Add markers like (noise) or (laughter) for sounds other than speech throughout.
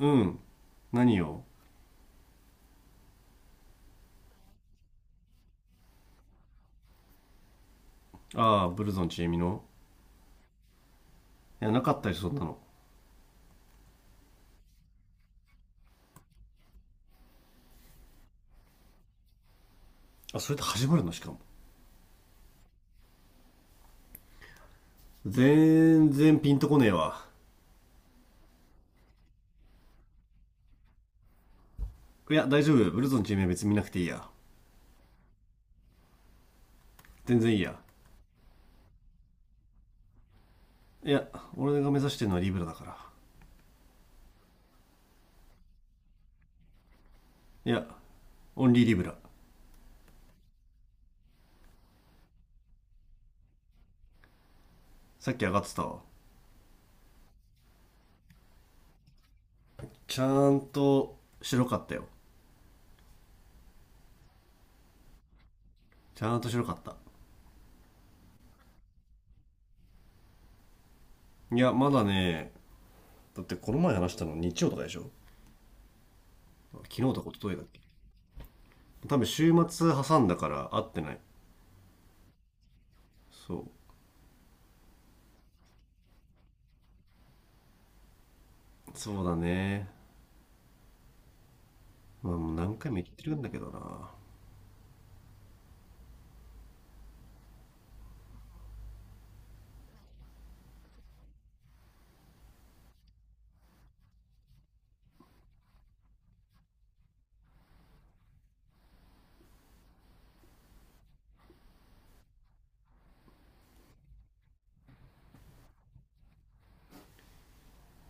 うん。何よ？ああ、ブルゾンちえみの。いやなかったりそんなの。あ、それで始まるの、しかも全然ピンとこねえわ。いや大丈夫、ブルゾンちえみは別に見なくていいや。全然いいや。いや、俺が目指してるのはリブラだから。いやオンリーリブラ。さっき上がってたわ。ちゃんと白かったよ。ちゃんと白かった。いやまだね。だってこの前話したの日曜とかでしょ？昨日とか一昨日だっけ？多分週末挟んだから会ってない。そう。そうだね。まあもう何回も言ってるんだけどな。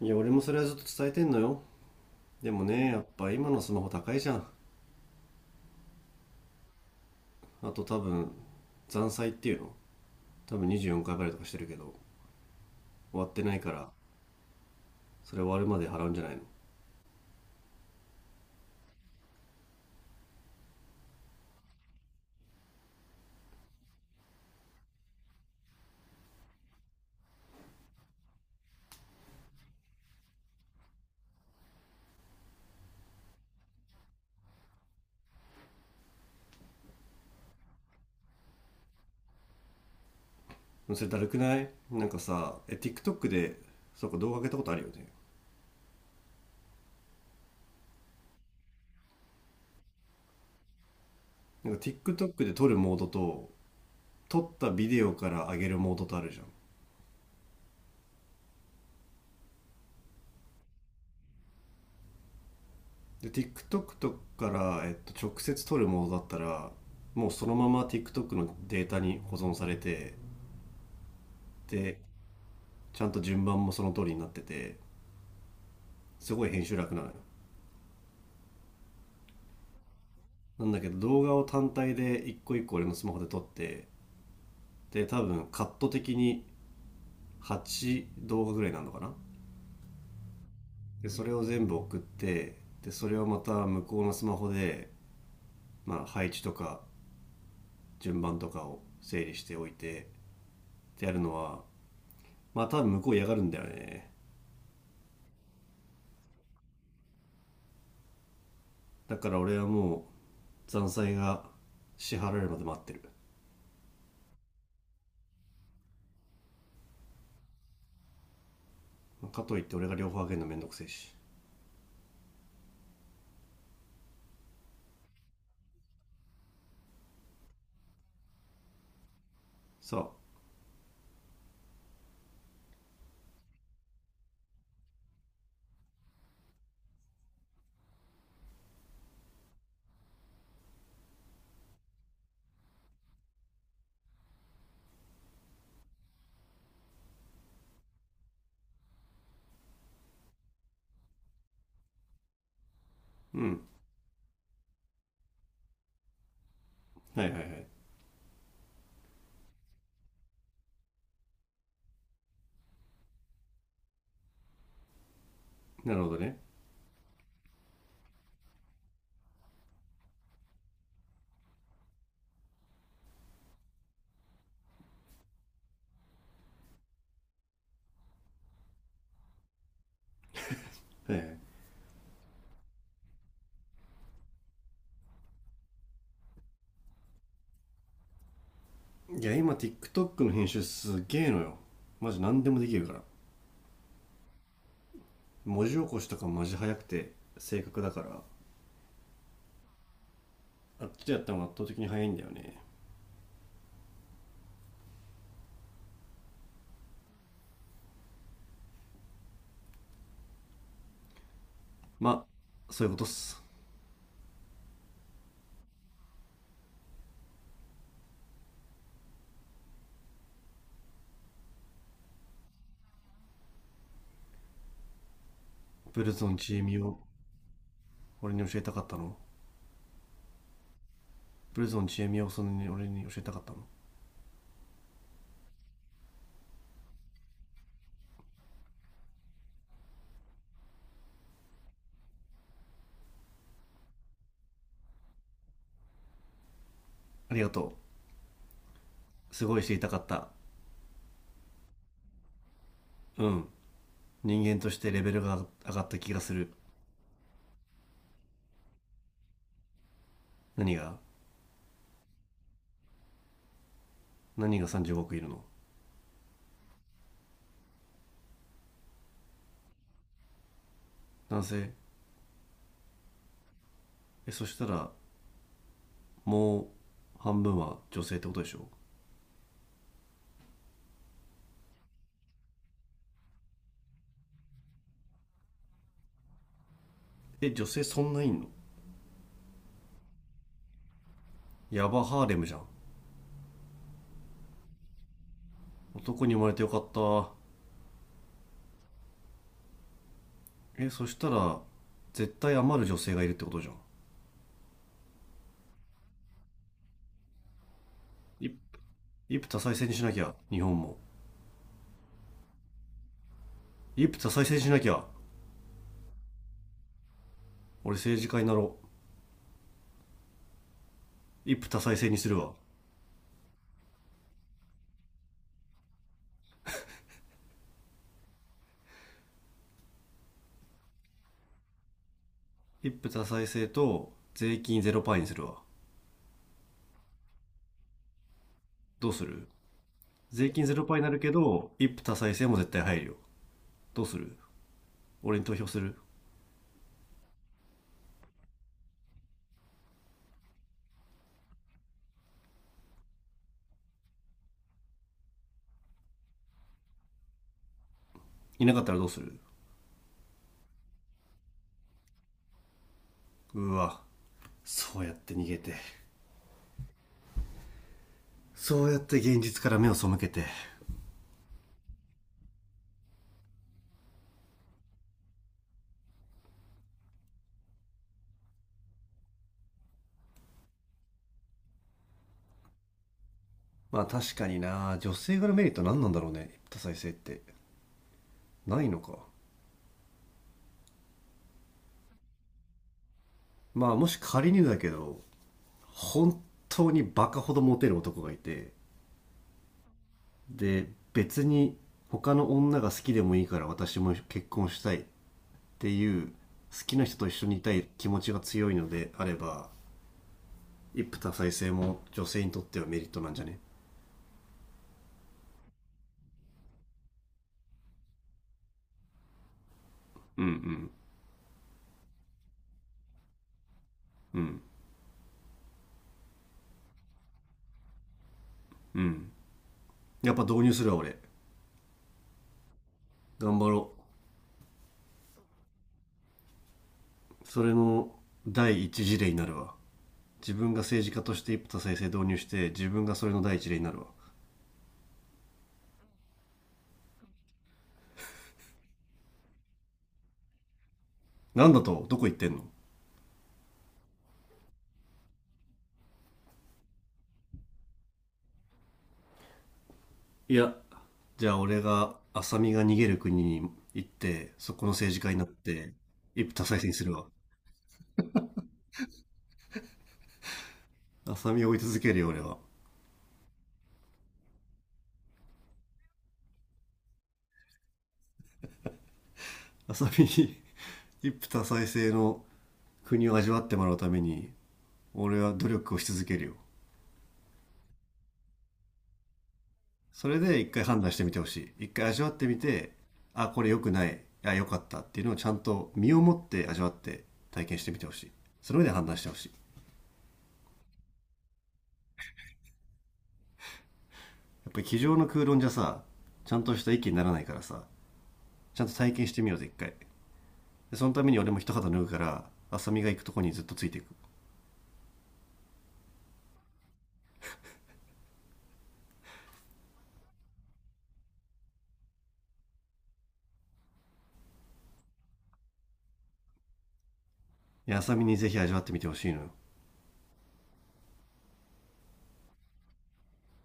いや、俺もそれはずっと伝えてんのよ。でもね、やっぱ今のスマホ高いじゃん。あと多分、残債っていうの多分24回払いとかしてるけど、終わってないから、それ終わるまで払うんじゃないの？それだるくない？なんかさ、え、TikTok で、そうか動画上げたことあるよね。なんか TikTok で撮るモードと、撮ったビデオから上げるモードとあるじゃん。で、TikTok とかから、直接撮るモードだったら、もうそのまま TikTok のデータに保存されて、で、ちゃんと順番もその通りになってて、すごい編集楽なのよ。なんだけど動画を単体で一個一個俺のスマホで撮って、で多分カット的に8動画ぐらいなのかな。でそれを全部送って、でそれをまた向こうのスマホで、まあ、配置とか順番とかを整理しておいてってやるのは、まあ多分向こう嫌がるんだよね。だから俺はもう残債が支払えるまで待ってる。かといって俺が両方あげるのめんどくせえし。さあ。うん。はいはいはい。なるほどね。はいはい。いや今 TikTok の編集すげえのよ。マジ何でもできるから。文字起こしとかマジ早くて正確だから。あっちでやったのが圧倒的に早いんだよね。まあそういうことっす。ブルゾンちえみを俺に教えたかったの？ブルゾンちえみをそんなに俺に教えたかったの？ありがとう。すごい知りたかった。うん。人間としてレベルが上がった気がする。何が？何が35億いるの？男性？え、そしたらもう半分は女性ってことでしょ？え、女性そんないんの？ヤバ、ハーレムじゃん。男に生まれてよかった。え、そしたら絶対余る女性がいるってことじゃん。い一夫多妻制にしなきゃ日本も。一夫多妻制にしなきゃ。俺政治家になろう。一夫多妻制にするわ。一夫多妻制と税金ゼロパーにするわ。どうする？税金ゼロパーになるけど一夫多妻制も絶対入るよ。どうする？俺に投票する？いなかったらどうする？うわ、そうやって逃げて。そうやって現実から目を背けて。まあ確かにな、女性側のメリット何なんだろうね多妻制って。ないのか。まあもし仮にだけど、本当にバカほどモテる男がいて、で別に他の女が好きでもいいから私も結婚したいっていう、好きな人と一緒にいたい気持ちが強いのであれば、一夫多妻制も女性にとってはメリットなんじゃね？うんうんうんうん。やっぱ導入するわ俺。頑張ろう。それの第一事例になるわ。自分が政治家として一夫多妻制導入して、自分がそれの第一例になるわ。なんだと、どこ行ってんの？いや、じゃあ俺が浅見が逃げる国に行ってそこの政治家になって一夫多妻制にするわ。浅見を追い続けるよ俺は。浅見に (laughs) 一夫多妻制の国を味わってもらうために俺は努力をし続けるよ。それで一回判断してみてほしい。一回味わってみて、あ、これ良くない、あ、良かったっていうのをちゃんと身をもって味わって体験してみてほしい。その上で判断してほしい。やっぱり机上の空論じゃさ、ちゃんとした意見にならないからさ、ちゃんと体験してみようぜ、一回。でそのために俺も一肌脱ぐから、浅見が行くとこにずっとついていく。いや、浅見にぜひ味わってみてほしいのよ。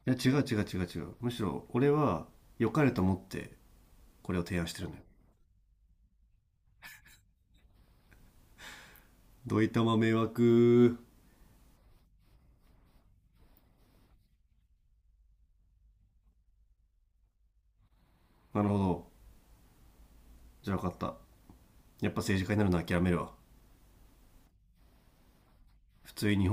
いや、違う違う違う違う。むしろ、俺は良かれと思って、これを提案してるんだよ。どいたま迷惑。なるほど。じゃあ分かった。やっぱ政治家になるの諦めるわ。普通に日本